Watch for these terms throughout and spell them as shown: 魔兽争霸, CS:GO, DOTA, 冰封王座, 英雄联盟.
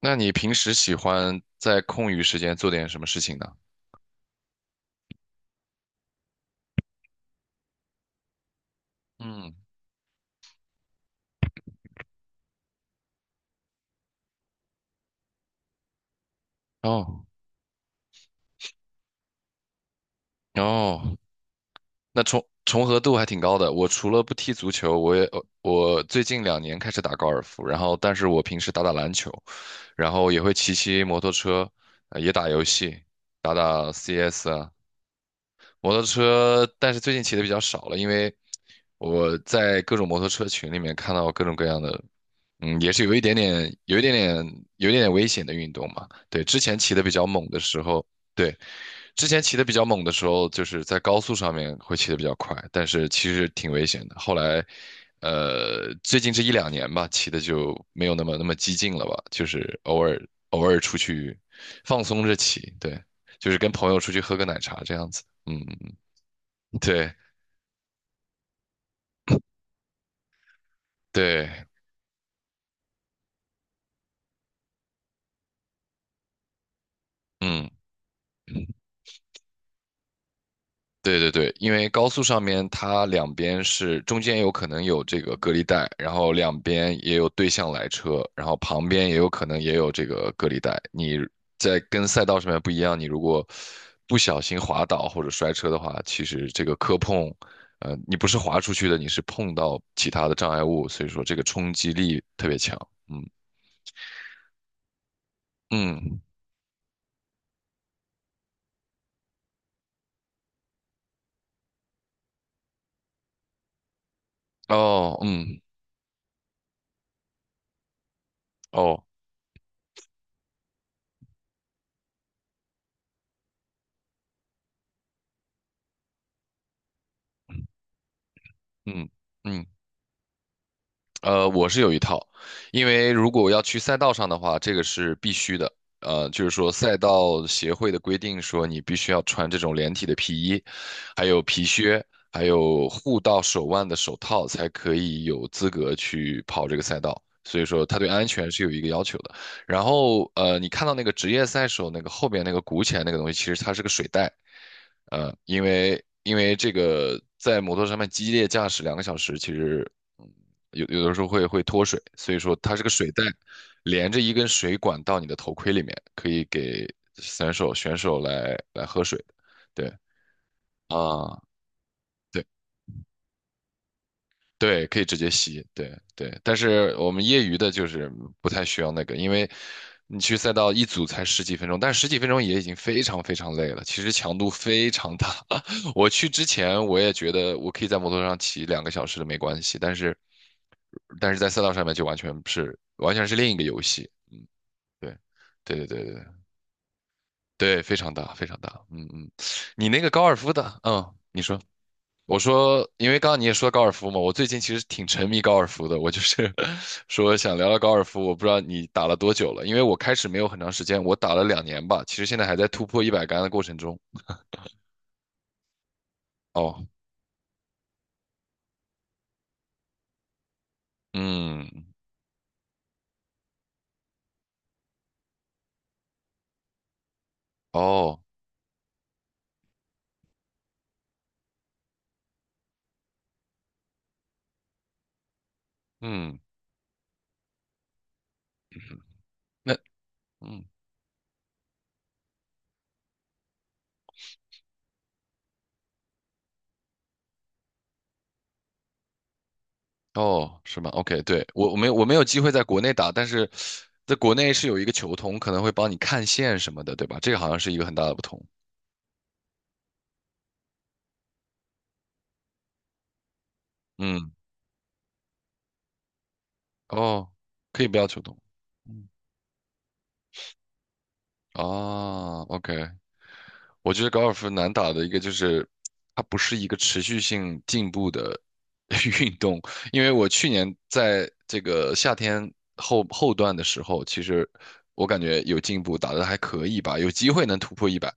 那你平时喜欢在空余时间做点什么事情呢？嗯，哦哦，那重合度还挺高的。我除了不踢足球，我最近两年开始打高尔夫，然后但是我平时打打篮球，然后也会骑骑摩托车，也打游戏，打打 CS 啊。摩托车，但是最近骑的比较少了，因为我在各种摩托车群里面看到各种各样的。嗯，也是有一点点危险的运动嘛。对，之前骑的比较猛的时候，对，之前骑的比较猛的时候，就是在高速上面会骑的比较快，但是其实挺危险的。后来，最近这一两年吧，骑的就没有那么激进了吧，就是偶尔出去放松着骑。对，就是跟朋友出去喝个奶茶这样子。嗯，对对。嗯，对对对，因为高速上面它两边是中间有可能有这个隔离带，然后两边也有对向来车，然后旁边也有可能也有这个隔离带。你在跟赛道上面不一样，你如果不小心滑倒或者摔车的话，其实这个磕碰，你不是滑出去的，你是碰到其他的障碍物，所以说这个冲击力特别强。嗯嗯哦嗯哦嗯嗯。我是有一套，因为如果要去赛道上的话，这个是必须的。就是说赛道协会的规定说，你必须要穿这种连体的皮衣，还有皮靴，还有护到手腕的手套，才可以有资格去跑这个赛道。所以说，它对安全是有一个要求的。然后，你看到那个职业赛手那个后边那个鼓起来那个东西，其实它是个水袋。因为这个在摩托上面激烈驾驶两个小时，其实。有的时候会脱水，所以说它是个水袋，连着一根水管到你的头盔里面，可以给选手来喝水。对啊，对。对，可以直接吸，对对。但是我们业余的就是不太需要那个，因为你去赛道一组才十几分钟，但十几分钟也已经非常非常累了，其实强度非常大。我去之前我也觉得我可以在摩托上骑两个小时的没关系，但是在赛道上面就完全是另一个游戏。对对对对对对，非常大非常大。嗯嗯，你那个高尔夫的，嗯，你说。我说，因为刚刚你也说高尔夫嘛，我最近其实挺沉迷高尔夫的。我就是 说想聊聊高尔夫，我不知道你打了多久了，因为我开始没有很长时间，我打了两年吧，其实现在还在突破100杆的过程中。哦，嗯，哦，嗯，那，嗯，哦，是吗？OK，对，我没有机会在国内打，但是在国内是有一个球童可能会帮你看线什么的，对吧？这个好像是一个很大的不同。嗯，哦，可以不要球童。嗯，哦 o k。 我觉得高尔夫难打的一个就是，它不是一个持续性进步的 运动。因为我去年在这个夏天后段的时候，其实我感觉有进步，打得还可以吧，有机会能突破一百。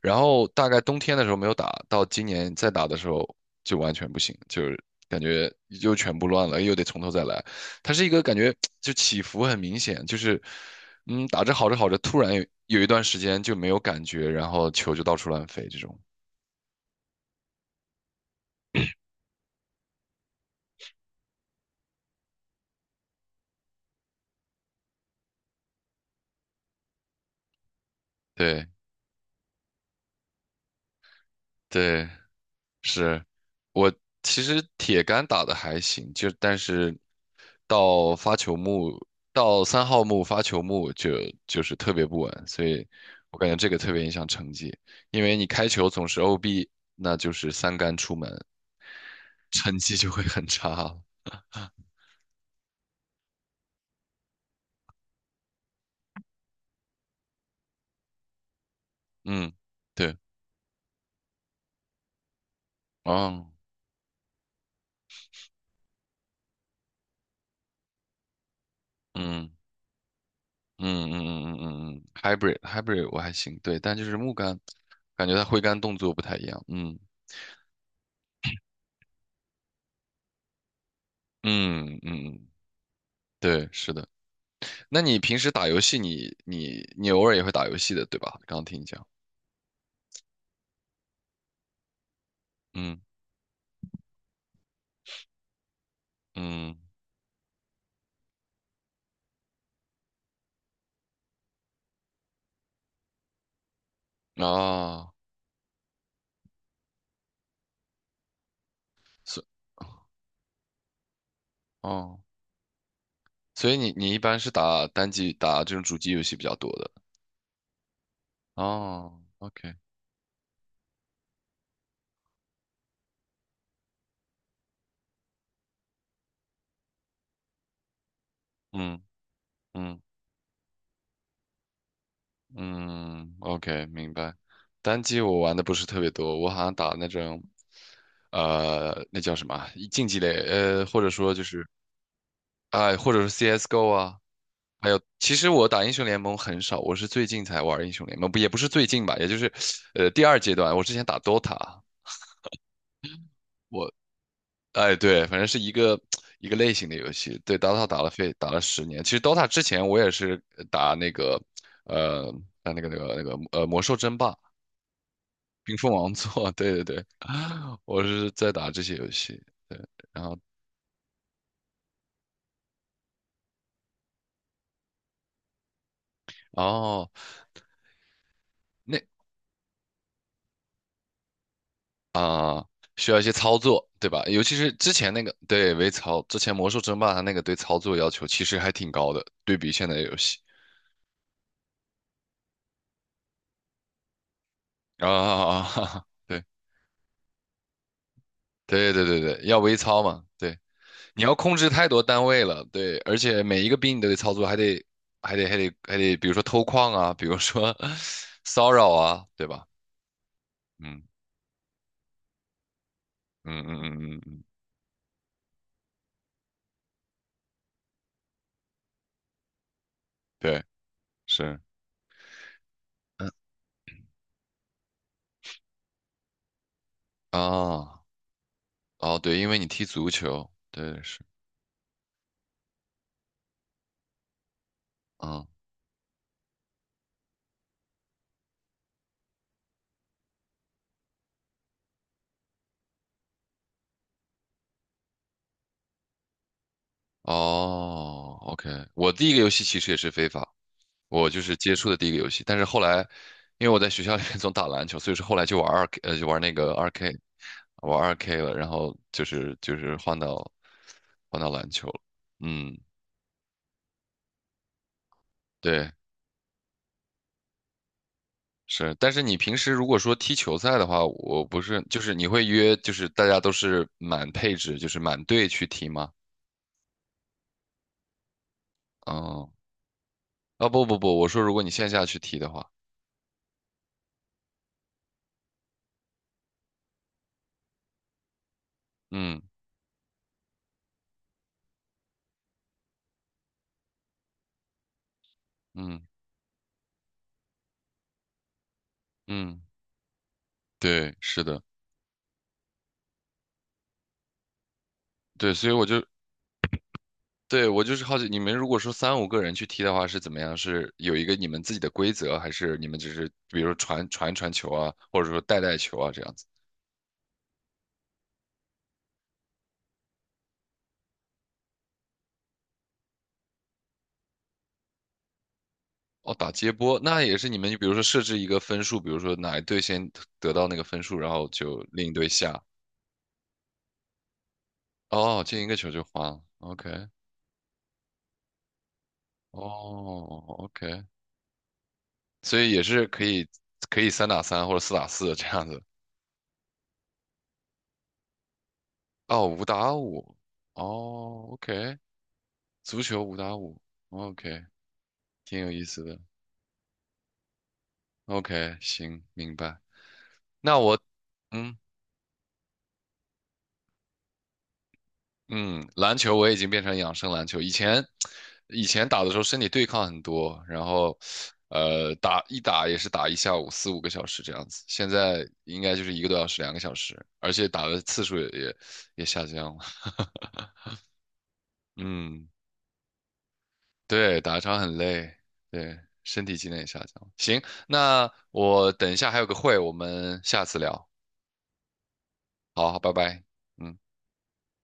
然后大概冬天的时候没有打，到今年再打的时候就完全不行，就是感觉又全部乱了，又得从头再来。它是一个感觉就起伏很明显，就是嗯打着好着好着，突然有一段时间就没有感觉，然后球就到处乱飞这种。对对，是我其实铁杆打的还行，就但是到发球木到三号木发球木就是特别不稳，所以我感觉这个特别影响成绩，因为你开球总是 OB，那就是三杆出门，成绩就会很差了。嗯，对，哦，嗯嗯嗯嗯嗯嗯嗯，hybrid 我还行，对，但就是木杆，感觉它挥杆动作不太一样。嗯嗯嗯嗯，对，是的。那你平时打游戏你偶尔也会打游戏的，对吧？刚刚听你讲。嗯嗯，哦，所哦，所以你一般是打单机打这种主机游戏比较多的。哦，OK，嗯嗯嗯，OK，明白。单机我玩的不是特别多，我好像打那种，那叫什么啊，竞技类，或者说就是，哎、或者是 CS:GO 啊，还有，其实我打英雄联盟很少，我是最近才玩英雄联盟，不也不是最近吧，也就是，第二阶段。我之前打 DOTA，我，哎，对，反正是一个类型的游戏。对，DOTA 打了非打了10年。其实 DOTA 之前我也是打那个，呃，打那个那个那个魔兽争霸、冰封王座。对对对，我是在打这些游戏。对，然后哦，那啊、需要一些操作，对吧？尤其是之前那个，对，微操，之前魔兽争霸它那个对操作要求其实还挺高的，对比现在的游戏啊。对对对对对，要微操嘛，对，你要控制太多单位了，对，而且每一个兵你都得操作，还得，比如说偷矿啊，比如说 骚扰啊，对吧？嗯嗯嗯嗯嗯嗯，对，是，嗯啊，哦，对，因为你踢足球，对，是。啊哦，OK，我第一个游戏其实也是非法，我就是接触的第一个游戏，但是后来，因为我在学校里面 总打篮球，所以说后来就玩二 K，就玩那个二 K，玩二 K 了，然后就是换到篮球了。嗯，对，是，但是你平时如果说踢球赛的话，我不是就是你会约就是大家都是满配置，就是满队去踢吗？哦，啊不不不，我说如果你线下去踢的话。嗯嗯嗯，对，是的。对，所以对，我就是好奇，你们如果说三五个人去踢的话是怎么样？是有一个你们自己的规则，还是你们只是比如说传球啊，或者说带带球啊这样子？哦，打接波，那也是你们，比如说设置一个分数，比如说哪一队先得到那个分数，然后就另一队下。哦，进一个球就花了。OK，哦，OK，所以也是可以三打三或者四打四这样子。哦，五打五。哦，OK，足球五打五。OK。挺有意思的。OK，行，明白。那我，嗯嗯，篮球我已经变成养生篮球。以前打的时候身体对抗很多，然后打一打也是打一下午4、5个小时这样子。现在应该就是1个多小时、两个小时，而且打的次数也下降了。嗯，对，打一场很累，对，身体机能也下降了。行，那我等一下还有个会，我们下次聊。好，好，拜拜。嗯。